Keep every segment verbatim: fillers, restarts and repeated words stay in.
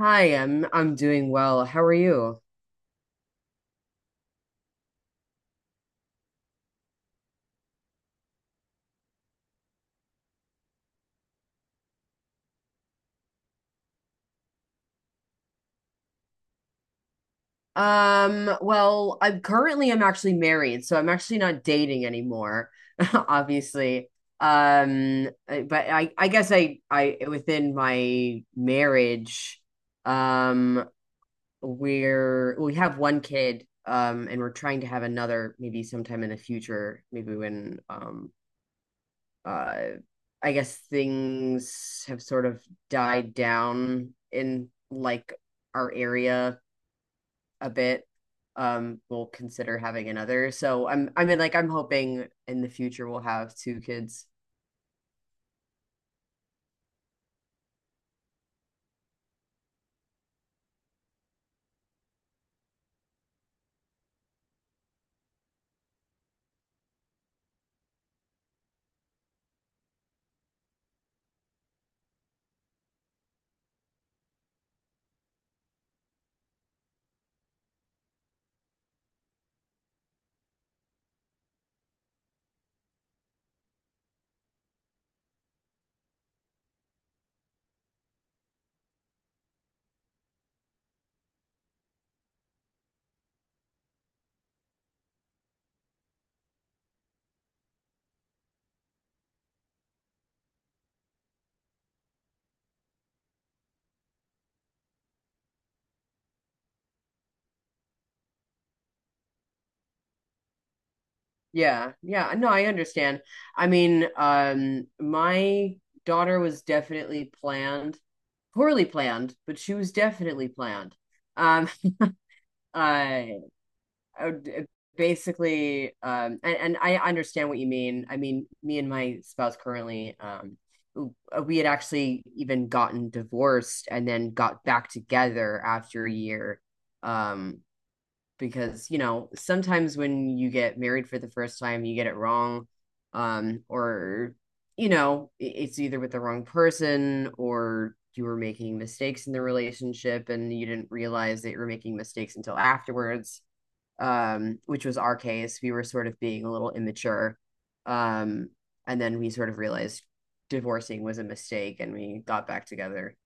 Hi, I'm I'm doing well. How are you? Um, well, I'm currently I'm actually married, so I'm actually not dating anymore, obviously. Um, I- but I I guess I I within my marriage, um, we're we have one kid, um, and we're trying to have another maybe sometime in the future, maybe when um uh I guess things have sort of died down in like our area a bit. Um, we'll consider having another. So I'm, I mean, like I'm hoping in the future we'll have two kids. Yeah, yeah. No, I understand. I mean, um, my daughter was definitely planned, poorly planned, but she was definitely planned. Um, uh, uh, basically um and, and I understand what you mean. I mean, me and my spouse currently um we had actually even gotten divorced and then got back together after a year. Um, because, you know, sometimes when you get married for the first time, you get it wrong, um, or, you know, it's either with the wrong person or you were making mistakes in the relationship and you didn't realize that you were making mistakes until afterwards, um, which was our case. We were sort of being a little immature. Um, and then we sort of realized divorcing was a mistake and we got back together.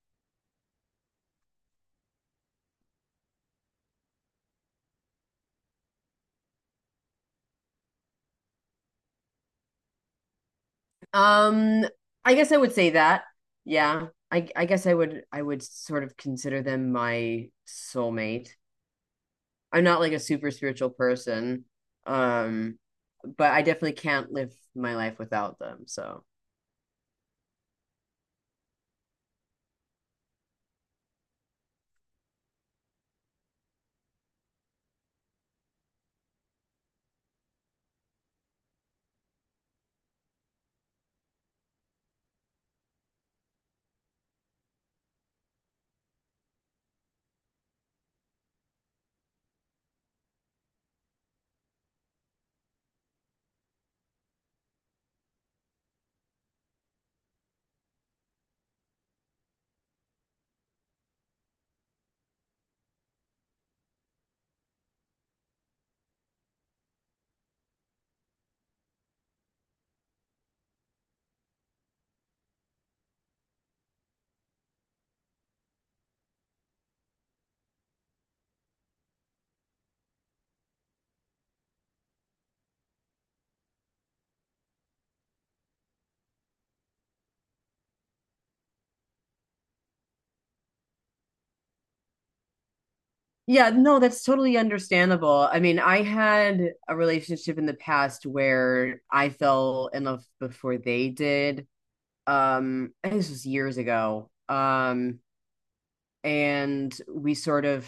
Um, I guess I would say that. Yeah. I I guess I would, I would sort of consider them my soulmate. I'm not like a super spiritual person. Um, but I definitely can't live my life without them. So yeah, no, that's totally understandable. I mean, I had a relationship in the past where I fell in love before they did. Um, I think this was years ago. Um, and we sort of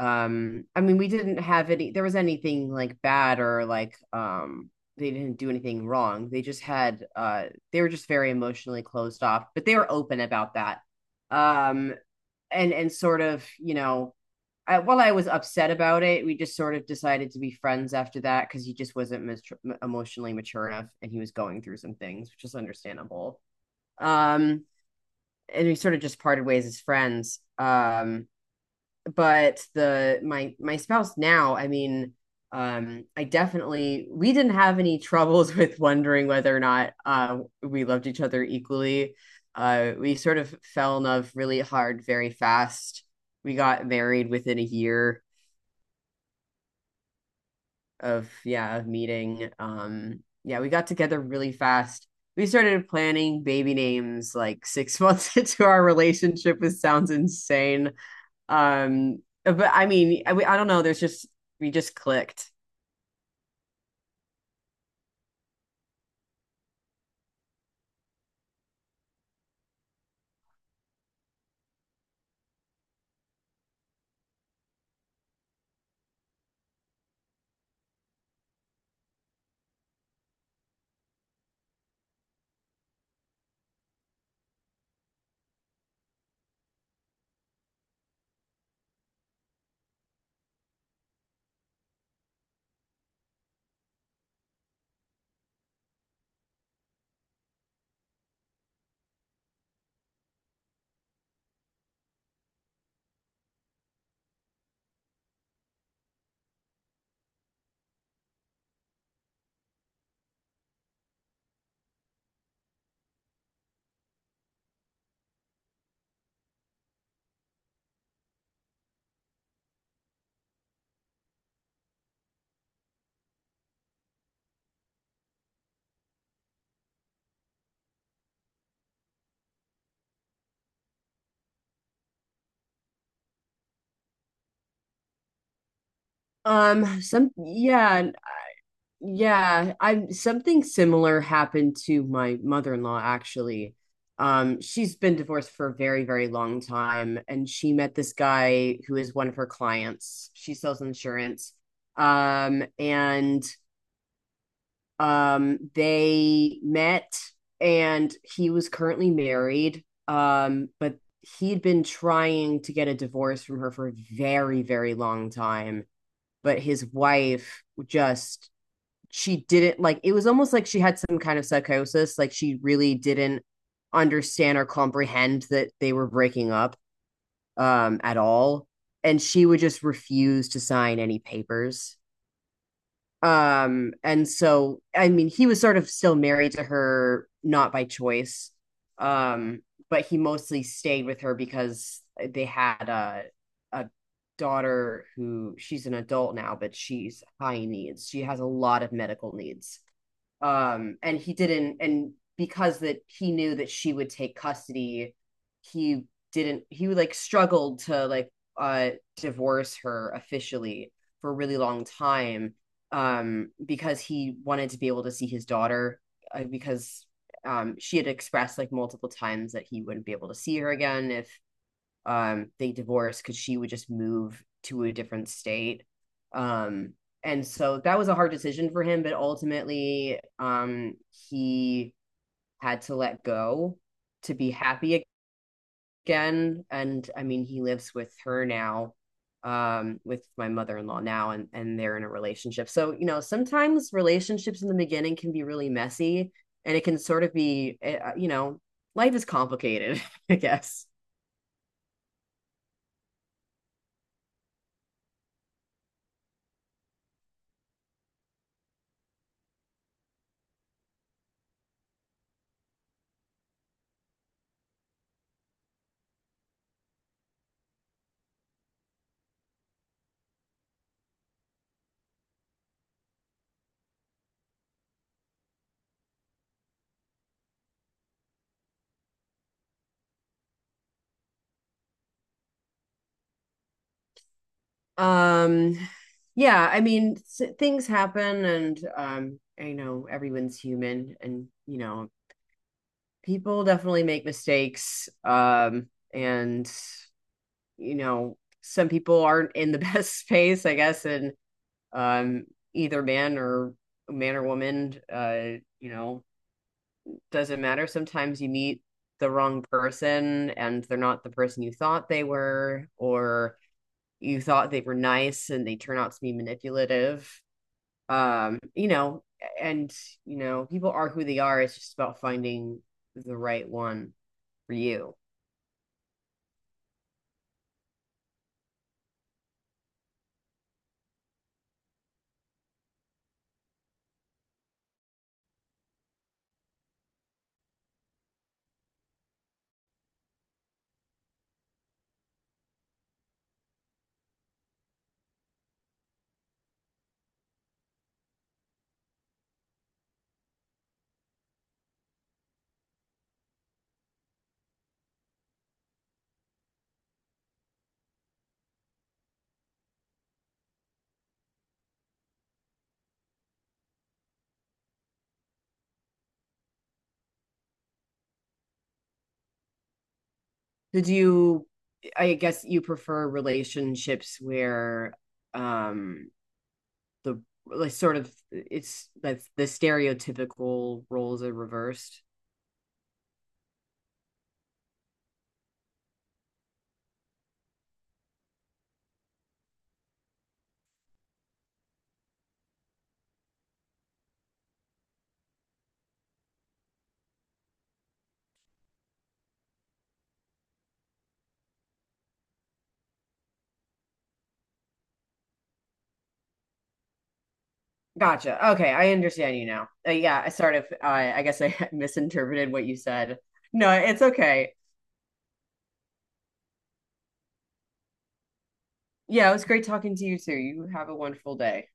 um, I mean, we didn't have any, there was anything like bad or like, um, they didn't do anything wrong. They just had, uh, they were just very emotionally closed off, but they were open about that. Um, and, and sort of, you know, I, while I was upset about it, we just sort of decided to be friends after that because he just wasn't mature, emotionally mature enough, and he was going through some things, which is understandable. Um, and we sort of just parted ways as friends. Um, but the my my spouse now, I mean, um, I definitely we didn't have any troubles with wondering whether or not, uh, we loved each other equally. Uh, we sort of fell in love really hard, very fast. We got married within a year of yeah of meeting. Um, yeah, we got together really fast. We started planning baby names like six months into our relationship, which sounds insane. Um, but I mean, I, I don't know. There's just we just clicked. Um, some yeah, yeah. I something similar happened to my mother-in-law actually. Um, she's been divorced for a very, very long time, and she met this guy who is one of her clients. She sells insurance. Um, and Um, they met and he was currently married, um, but he'd been trying to get a divorce from her for a very, very long time. But his wife just, she didn't, like, it was almost like she had some kind of psychosis. Like she really didn't understand or comprehend that they were breaking up, um, at all. And she would just refuse to sign any papers. Um, and so I mean, he was sort of still married to her, not by choice. Um, but he mostly stayed with her because they had a a daughter who, she's an adult now, but she's high needs. She has a lot of medical needs, um, and he didn't and because that he knew that she would take custody, he didn't, he like struggled to like, uh divorce her officially for a really long time, um, because he wanted to be able to see his daughter, uh, because, um, she had expressed like multiple times that he wouldn't be able to see her again if, um, they divorced because she would just move to a different state, um, and so that was a hard decision for him, but ultimately, um, he had to let go to be happy again. And I mean he lives with her now, um, with my mother-in-law now, and and they're in a relationship. So, you know, sometimes relationships in the beginning can be really messy, and it can sort of be eh, uh, you know, life is complicated, I guess. um yeah, I mean, things happen, and, um, I know everyone's human, and, you know, people definitely make mistakes. Um, and, you know, some people aren't in the best space, I guess. And, um, either man or man or woman, uh you know, doesn't matter, sometimes you meet the wrong person and they're not the person you thought they were, or you thought they were nice and they turn out to be manipulative. Um, you know, and, you know, people are who they are. It's just about finding the right one for you. Did you, I guess you prefer relationships where, um, the like sort of it's like the stereotypical roles are reversed. Gotcha. Okay, I understand you now. Uh, yeah, I sort of, uh, I guess I misinterpreted what you said. No, it's okay. Yeah, it was great talking to you too. You have a wonderful day.